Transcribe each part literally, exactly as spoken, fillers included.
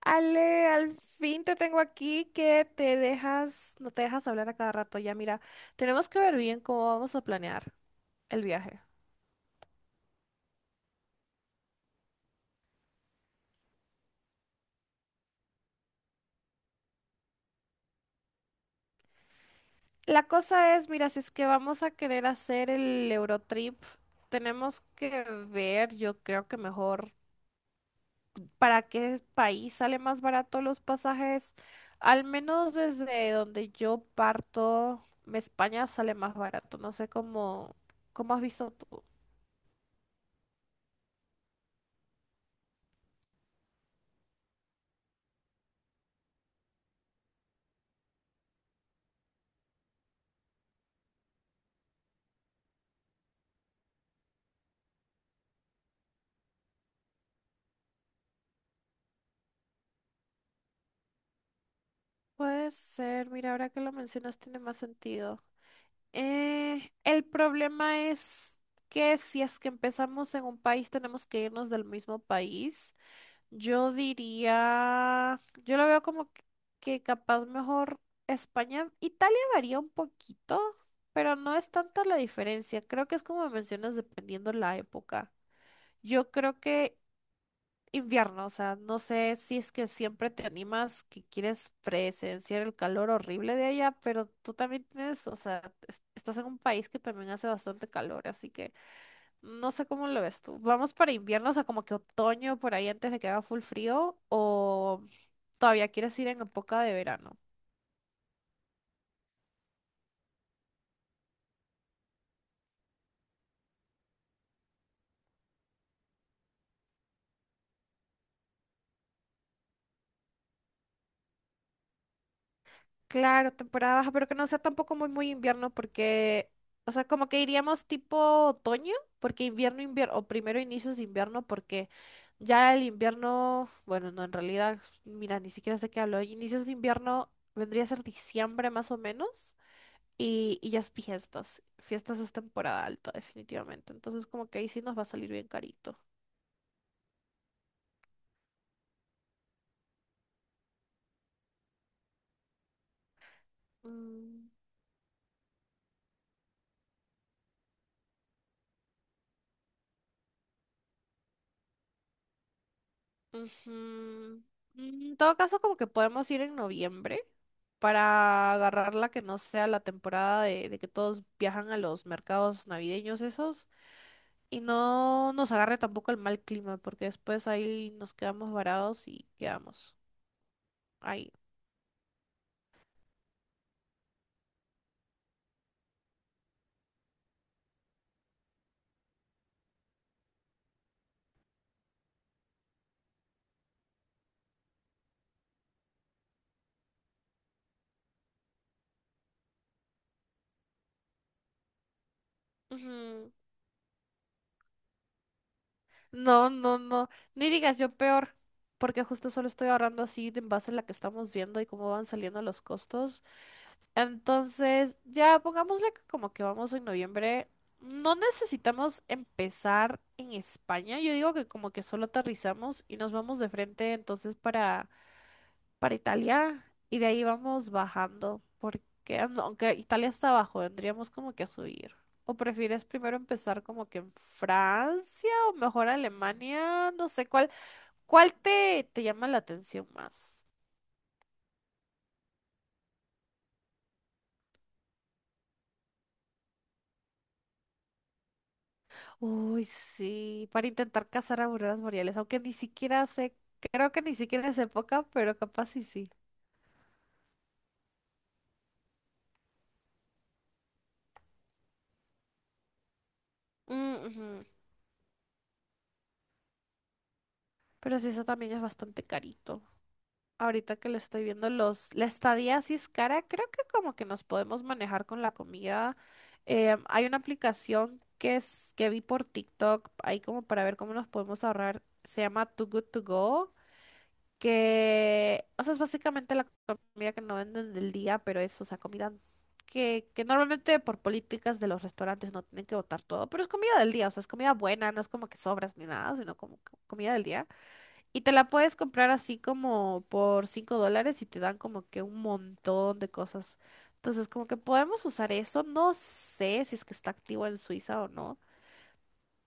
Ale, al fin te tengo aquí que te dejas, no te dejas hablar a cada rato. Ya, mira, tenemos que ver bien cómo vamos a planear el viaje. La cosa es, mira, si es que vamos a querer hacer el Eurotrip, tenemos que ver, yo creo que mejor, para qué país sale más barato los pasajes. Al menos desde donde yo parto, España sale más barato. No sé cómo, cómo has visto tú. Puede ser, mira, ahora que lo mencionas tiene más sentido. Eh, el problema es que si es que empezamos en un país, tenemos que irnos del mismo país. Yo diría, yo lo veo como que que capaz mejor España, Italia varía un poquito, pero no es tanta la diferencia. Creo que es como mencionas, dependiendo la época. Yo creo que invierno, o sea, no sé si es que siempre te animas, que quieres presenciar el calor horrible de allá, pero tú también tienes, o sea, es- estás en un país que también hace bastante calor, así que no sé cómo lo ves tú. ¿Vamos para invierno, o sea, como que otoño por ahí antes de que haga full frío o todavía quieres ir en época de verano? Claro, temporada baja, pero que no sea tampoco muy, muy invierno porque, o sea, como que iríamos tipo otoño, porque invierno, invierno, o primero inicios de invierno, porque ya el invierno, bueno, no, en realidad, mira, ni siquiera sé qué hablo, inicios de invierno vendría a ser diciembre más o menos, y, y ya es fiestas, fiestas es temporada alta definitivamente, entonces como que ahí sí nos va a salir bien carito. Mm. Ujú. Mm, En todo caso, como que podemos ir en noviembre para agarrar la que no sea la temporada de, de que todos viajan a los mercados navideños esos y no nos agarre tampoco el mal clima porque después ahí nos quedamos varados y quedamos ahí. Ujú. No, no, no. Ni digas yo peor porque justo solo estoy ahorrando así de en base a la que estamos viendo y cómo van saliendo los costos. Entonces, ya pongámosle que como que vamos en noviembre. No necesitamos empezar en España. Yo digo que como que solo aterrizamos y nos vamos de frente entonces para, para Italia y de ahí vamos bajando. Porque an- aunque Italia está abajo, tendríamos como que a subir. ¿O prefieres primero empezar como que en Francia o mejor Alemania? No sé, ¿cuál, cuál te, te llama la atención más? Uy, sí, para intentar cazar auroras boreales, aunque ni siquiera sé, creo que ni siquiera es época, pero capaz sí sí. Mm, ujú. Pero sí, eso también es bastante carito. Ahorita que lo estoy viendo, los, la estadía sí es cara, creo que como que nos podemos manejar con la comida. Eh, hay una aplicación que es, que vi por TikTok, ahí como para ver cómo nos podemos ahorrar, se llama Too Good To Go. Que, o sea, es básicamente la comida que no venden del día, pero es, o sea, comida que, que normalmente por políticas de los restaurantes no tienen que botar todo, pero es comida del día, o sea, es comida buena, no es como que sobras ni nada, sino como co- comida del día. Y te la puedes comprar así como por cinco dólares y te dan como que un montón de cosas. Entonces, como que podemos usar eso, no sé si es que está activo en Suiza o no,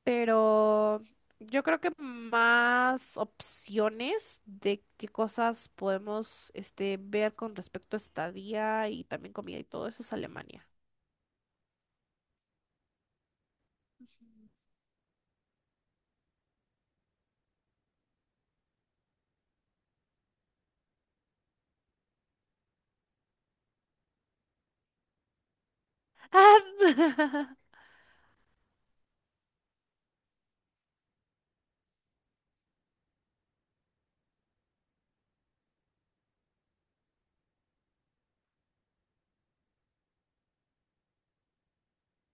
pero yo creo que más opciones de qué cosas podemos este, ver con respecto a estadía y también comida y todo eso es Alemania. Ah,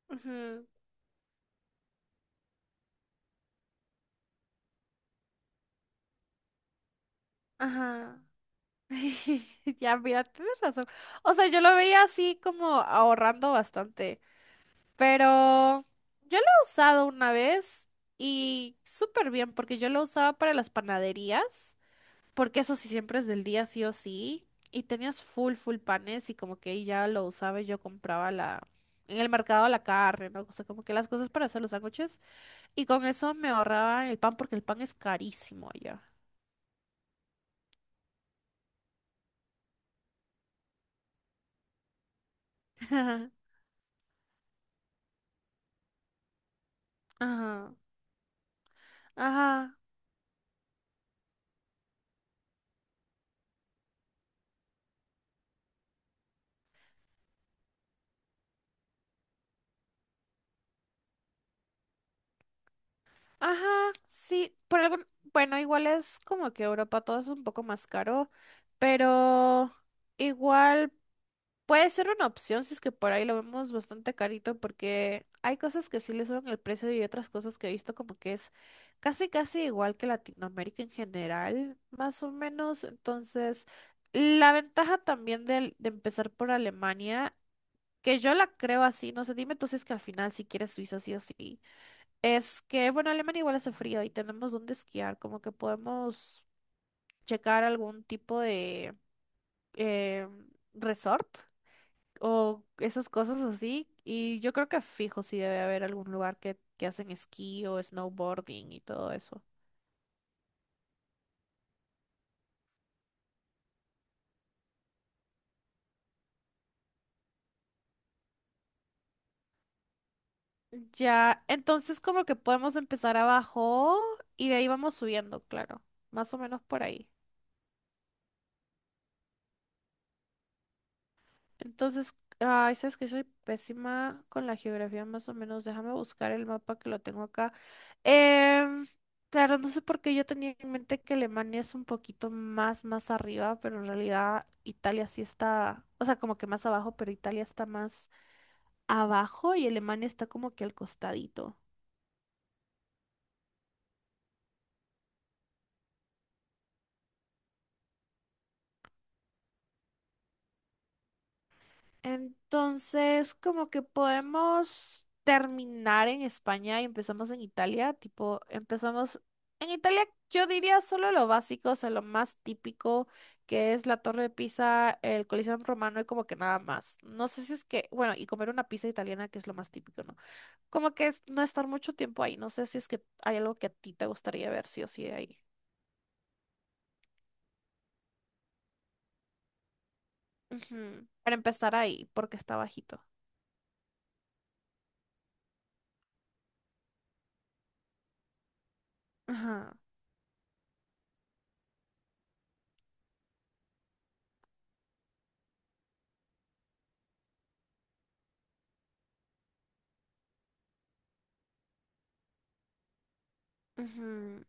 Ujú. Ajá. Ya, mira, tienes razón. O sea, yo lo veía así como ahorrando bastante, pero yo lo he usado una vez y súper bien porque yo lo usaba para las panaderías. Porque eso sí siempre es del día sí o sí. Y tenías full, full panes y como que ahí ya lo usaba y yo compraba la, en el mercado la carne, ¿no? O sea, como que las cosas para hacer los sándwiches. Y con eso me ahorraba el pan porque el pan es carísimo allá. Ajá, ajá, ajá, sí, por algún, bueno, igual es como que Europa todo es un poco más caro, pero igual puede ser una opción si es que por ahí lo vemos bastante carito porque hay cosas que sí le suben el precio y otras cosas que he visto como que es casi casi igual que Latinoamérica en general, más o menos. Entonces, la ventaja también del- de, empezar por Alemania, que yo la creo así, no sé, dime tú si es que al final si quieres Suiza sí o sí, es que, bueno, Alemania igual hace frío y tenemos donde esquiar, como que podemos checar algún tipo de eh, resort o esas cosas así. Y yo creo que fijo si debe haber algún lugar que, que hacen esquí o snowboarding y todo eso. Ya, entonces como que podemos empezar abajo y de ahí vamos subiendo, claro. Más o menos por ahí. Entonces, ay, sabes que soy pésima con la geografía, más o menos. Déjame buscar el mapa que lo tengo acá. Em, claro, no sé por qué yo tenía en mente que Alemania es un poquito más, más arriba, pero en realidad Italia sí está, o sea, como que más abajo, pero Italia está más abajo y Alemania está como que al costadito. Entonces, como que podemos terminar en España y empezamos en Italia, tipo, empezamos en Italia, yo diría solo lo básico, o sea, lo más típico, que es la Torre de Pisa, el Coliseo Romano y como que nada más. No sé si es que, bueno, y comer una pizza italiana, que es lo más típico, ¿no? Como que es no estar mucho tiempo ahí, no sé si es que hay algo que a ti te gustaría ver, sí o sí, de ahí. Ujú, para empezar ahí, porque está bajito. Ajá. Ujú.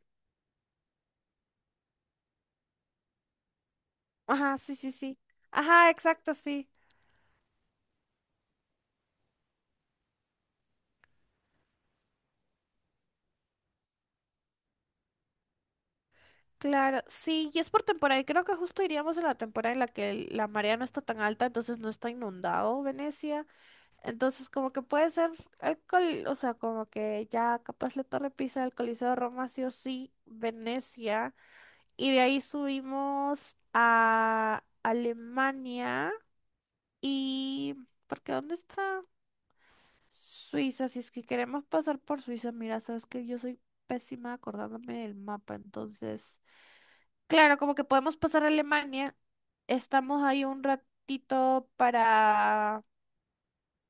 Ajá, sí, sí, sí. Ajá, exacto, sí. Claro, sí, y es por temporada. Y creo que justo iríamos en la temporada en la que el- la marea no está tan alta, entonces no está inundado Venecia. Entonces, como que puede ser el col- o sea, como que ya capaz la Torre Pisa, el Coliseo de Roma, sí o sí, Venecia. Y de ahí subimos a Alemania. Y, porque ¿dónde está? Suiza, si es que queremos pasar por Suiza, mira, sabes que yo soy pésima acordándome del mapa, entonces, claro, como que podemos pasar a Alemania, estamos ahí un ratito para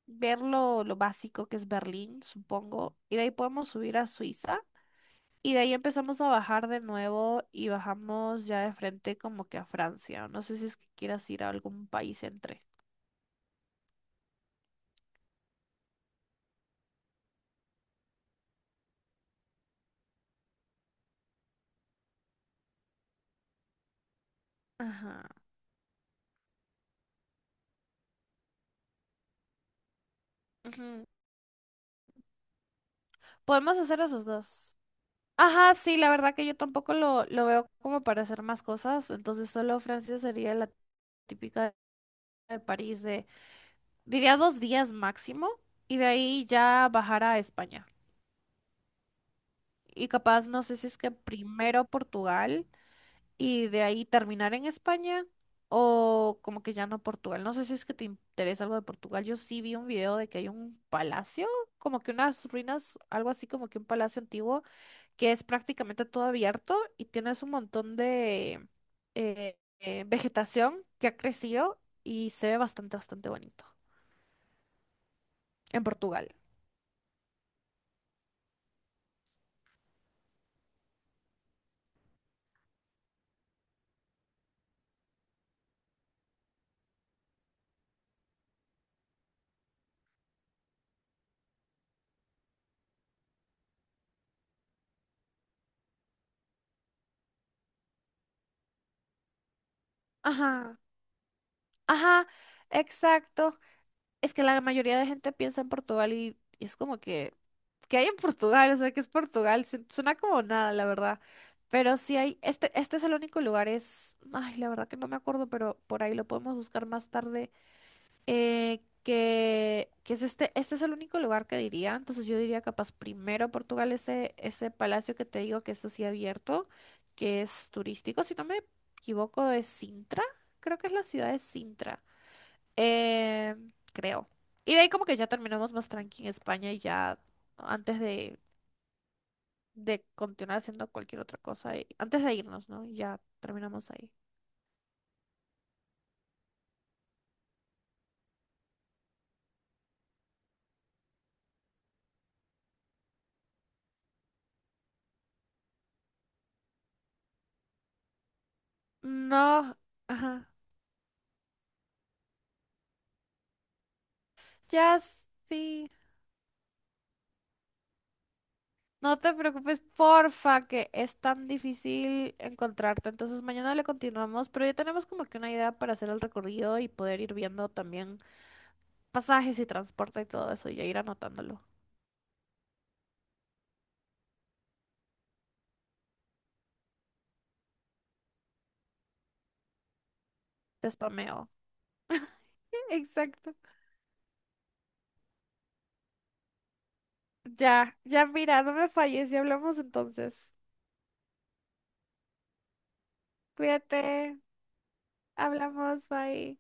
ver lo, lo básico que es Berlín, supongo, y de ahí podemos subir a Suiza, y de ahí empezamos a bajar de nuevo y bajamos ya de frente como que a Francia, no sé si es que quieras ir a algún país entre. Ajá. Ujú. Podemos hacer esos dos. Ajá, sí, la verdad que yo tampoco lo, lo veo como para hacer más cosas, entonces solo Francia sería la típica de París de, diría dos días máximo, y de ahí ya bajar a España. Y capaz, no sé si es que primero Portugal y de ahí terminar en España o como que ya no Portugal. No sé si es que te interesa algo de Portugal. Yo sí vi un video de que hay un palacio, como que unas ruinas, algo así como que un palacio antiguo que es prácticamente todo abierto y tienes un montón de eh, eh, vegetación que ha crecido y se ve bastante, bastante bonito en Portugal. Ajá, ajá, exacto. Es que la mayoría de gente piensa en Portugal y, y es como que, ¿qué hay en Portugal? O sea, ¿qué es Portugal? Su- Suena como nada, la verdad. Pero sí hay, este, este es el único lugar, es, ay, la verdad que no me acuerdo, pero por ahí lo podemos buscar más tarde eh, que, que es este, este es el único lugar que diría. Entonces yo diría capaz primero Portugal, ese, ese palacio que te digo que es así abierto, que es turístico, si no me equivoco, de Sintra, creo que es la ciudad de Sintra, eh, creo. Y de ahí como que ya terminamos más tranqui en España y ya antes de, de continuar haciendo cualquier otra cosa, y- antes de irnos, ¿no? Y ya terminamos ahí. No, ajá. Ya sí. No te preocupes, porfa, que es tan difícil encontrarte. Entonces mañana le continuamos, pero ya tenemos como que una idea para hacer el recorrido y poder ir viendo también pasajes y transporte y todo eso y ya ir anotándolo. Te spameo. Exacto. Ya, ya mira, no me falles y hablamos entonces. Cuídate, hablamos, bye.